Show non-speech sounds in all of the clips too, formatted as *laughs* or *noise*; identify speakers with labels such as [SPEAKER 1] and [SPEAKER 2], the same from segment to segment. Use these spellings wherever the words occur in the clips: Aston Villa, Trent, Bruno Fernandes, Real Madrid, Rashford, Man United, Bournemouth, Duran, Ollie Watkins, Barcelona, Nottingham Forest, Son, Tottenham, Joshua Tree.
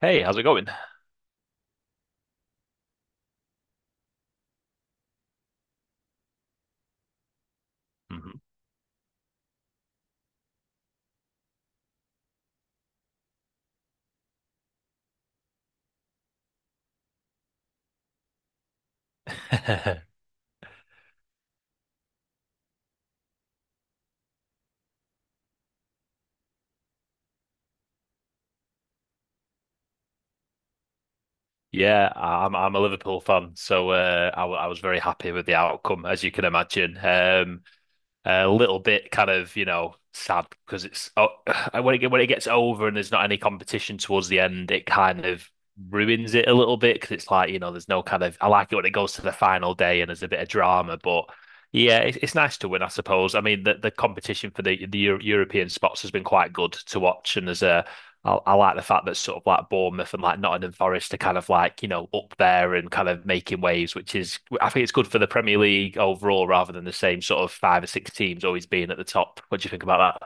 [SPEAKER 1] Hey, how's it going? Mhm. *laughs* Yeah, I'm a Liverpool fan, so I was very happy with the outcome, as you can imagine. A little bit kind of, you know, sad because *sighs* when it gets over and there's not any competition towards the end, it kind of ruins it a little bit because it's like, you know, there's no kind of. I like it when it goes to the final day and there's a bit of drama, but yeah, it's nice to win, I suppose. I mean, the competition for the European spots has been quite good to watch, and there's a I like the fact that sort of like Bournemouth and like Nottingham Forest are kind of like, you know, up there and kind of making waves, which is, I think it's good for the Premier League overall rather than the same sort of five or six teams always being at the top. What do you think about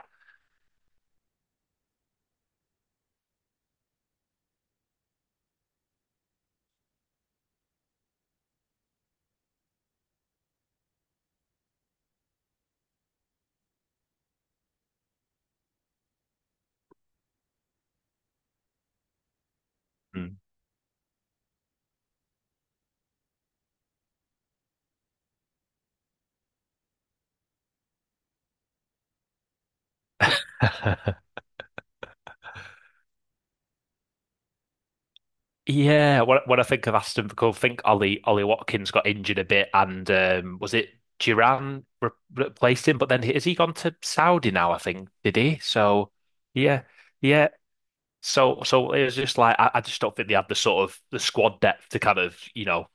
[SPEAKER 1] that? Mm. *laughs* Yeah, when I think of Aston Villa, I think Ollie Watkins got injured a bit, and was it Duran re replaced him? But then has he gone to Saudi now? I think did he? So yeah, yeah. So it was just like I just don't think they had the sort of the squad depth to kind of you know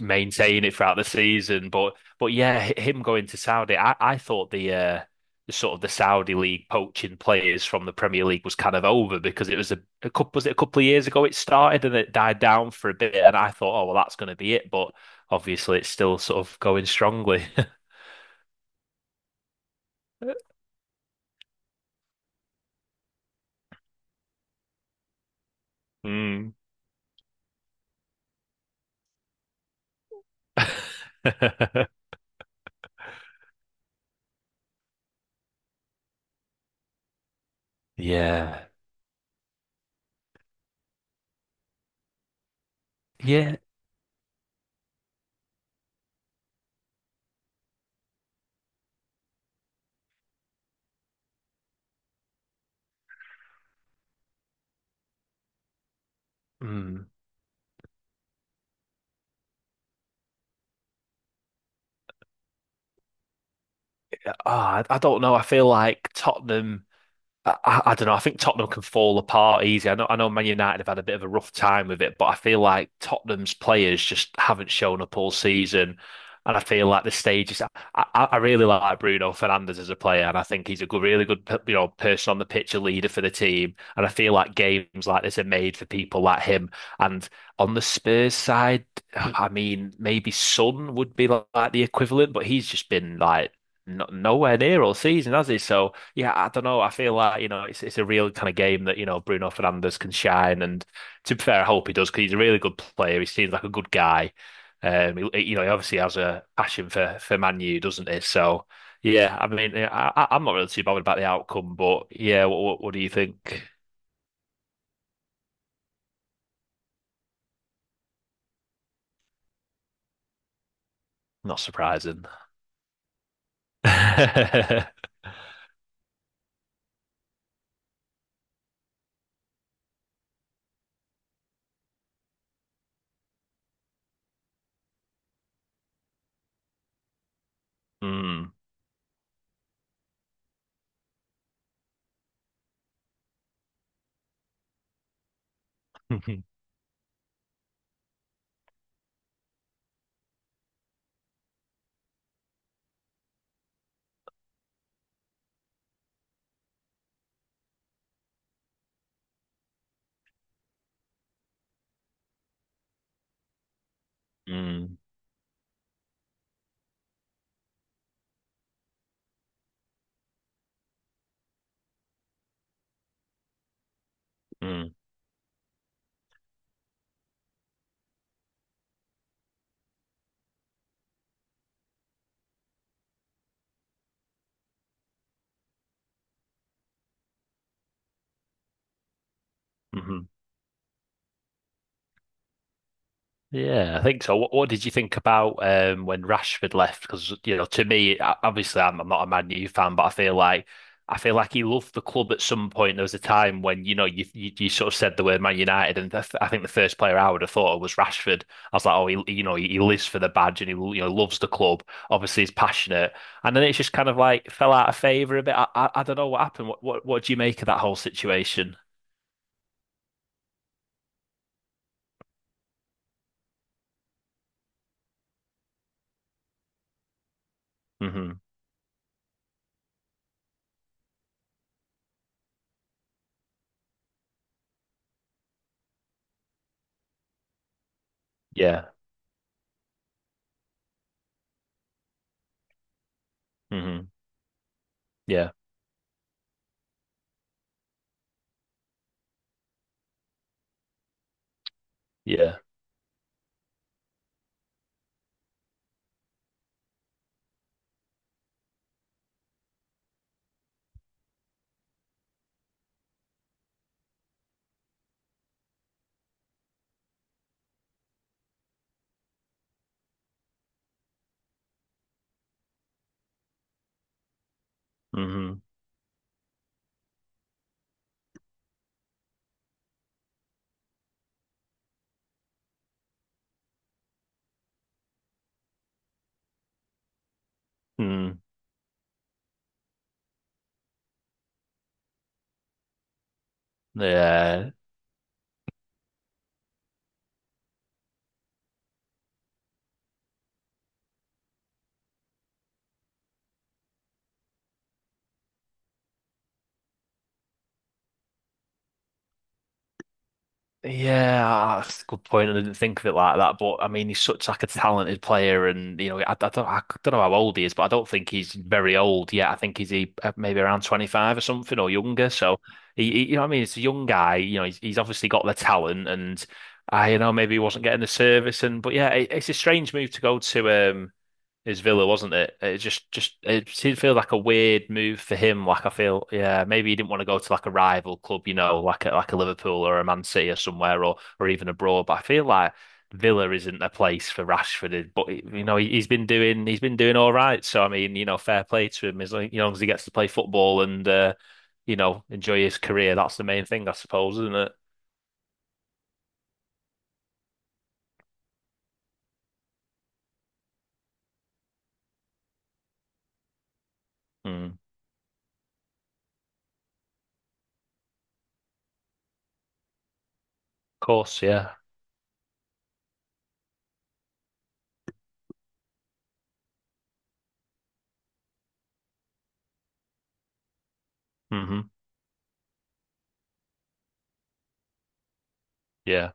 [SPEAKER 1] maintain it throughout the season. But yeah, h- him going to Saudi, I thought the sort of the Saudi league poaching players from the Premier League was kind of over because a couple was it a couple of years ago it started and it died down for a bit, and I thought, oh well, that's going to be it. But obviously, it's still sort of going strongly. *laughs* Mm. *laughs* Yeah, yeah. Mm. ah, I don't know. I feel like Tottenham. Don't know. I think Tottenham can fall apart easy. I know Man United have had a bit of a rough time with it, but I feel like Tottenham's players just haven't shown up all season. And I feel like the stage is. I really like Bruno Fernandes as a player, and I think he's a good, really good, you know, person on the pitch, a leader for the team. And I feel like games like this are made for people like him. And on the Spurs side, I mean, maybe Son would be like, the equivalent, but he's just been like no, nowhere near all season, has he? So. Yeah, I don't know. I feel like, you know, it's a real kind of game that, you know, Bruno Fernandes can shine. And to be fair, I hope he does because he's a really good player. He seems like a good guy. You know, he obviously has a passion for Man U, doesn't he? So, yeah, I mean, yeah, I'm not really too bothered about the outcome, but yeah, what do you think? Not surprising. *laughs* Mm. *laughs* Mm. Mm. Mm. *laughs* Yeah, I think so. What did you think about when Rashford left? Because you know, to me, obviously, I'm not a Man U fan, but I feel like he loved the club at some point. There was a time when you know you sort of said the word Man United, and I think the first player I would have thought of was Rashford. I was like, oh, he you know he lives for the badge and he you know loves the club. Obviously, he's passionate, and then it's just kind of like fell out of favour a bit. I don't know what happened. What do you make of that whole situation? Hmm. Yeah. Hmm. Yeah. Yeah. Hmm. Hmm. Yeah, yeah, that's a good point. I didn't think of it like that, but I mean, he's such like a talented player, and you know, I don't know how old he is, but I don't think he's very old yet. I think maybe around 25 or something or younger. So you know, what I mean, it's a young guy. You know, he's obviously got the talent, and I, you know, maybe he wasn't getting the service, and but yeah, it's a strange move to go to. His Villa, wasn't it? It just it seemed to feel like a weird move for him. Like I feel, yeah, maybe he didn't want to go to like a rival club, you know, like a Liverpool or a Man City or somewhere, or even abroad. But I feel like Villa isn't a place for Rashford. But you know, he's been doing all right. So I mean, you know, fair play to him as long, you know, as he gets to play football and you know enjoy his career. That's the main thing, I suppose, isn't it? Mm. Of course, yeah. Hmm. Yeah.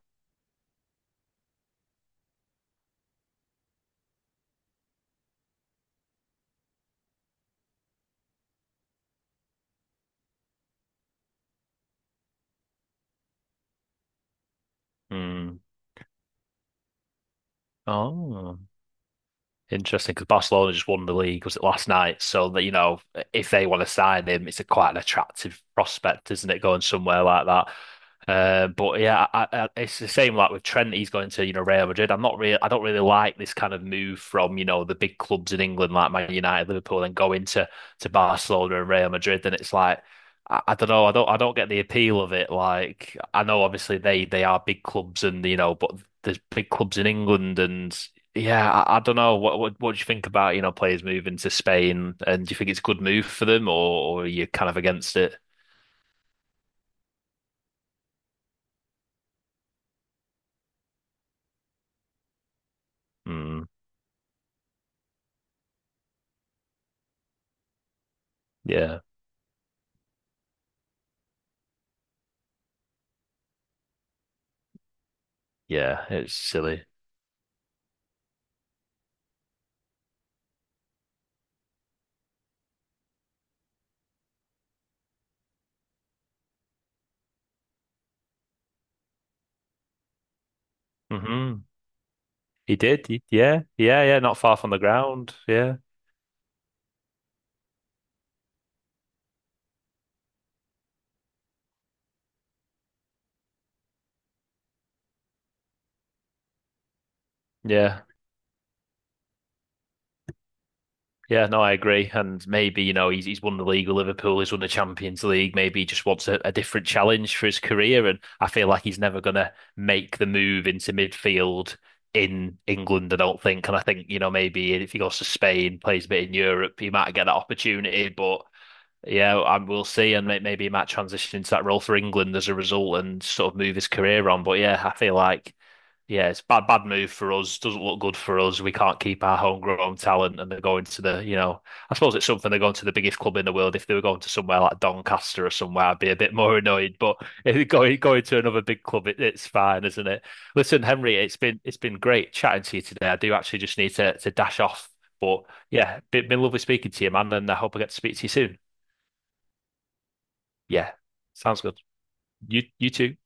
[SPEAKER 1] Mm. Oh. Interesting, because Barcelona just won the league, was it last night? So that you know, if they want to sign him, it's a quite an attractive prospect, isn't it? Going somewhere like that. But yeah, it's the same like with Trent. He's going to you know Real Madrid. I don't really like this kind of move from you know the big clubs in England like Man United, Liverpool, and go into to Barcelona and Real Madrid. And it's like I don't know, I don't get the appeal of it. Like I know obviously they are big clubs and you know, but there's big clubs in England and. Yeah, I don't know. What do you think about, you know, players moving to Spain? And do you think it's a good move for them, or are you kind of against it? Mm, yeah, yeah, it's silly. Hmm. He did. Yeah, yeah, yeah. Not far from the ground. Yeah, yeah. Yeah, no, I agree. And maybe, you know, he's won the league with Liverpool, he's won the Champions League. Maybe he just wants a different challenge for his career. And I feel like he's never gonna make the move into midfield in England, I don't think. And I think, you know, maybe if he goes to Spain, plays a bit in Europe, he might get that opportunity. But yeah, and we'll see, and maybe he might transition into that role for England as a result, and sort of move his career on. But yeah, I feel like yeah, it's bad, bad move for us. Doesn't look good for us. We can't keep our homegrown talent, and they're going to the you know, I suppose it's something they're going to the biggest club in the world. If they were going to somewhere like Doncaster or somewhere, I'd be a bit more *laughs* annoyed. But if they're going going to another big club, it's fine, isn't it? Listen, Henry, it's been great chatting to you today. I do actually just need to dash off, but yeah, been lovely speaking to you, man, and I hope I get to speak to you soon. Yeah, sounds good. You too.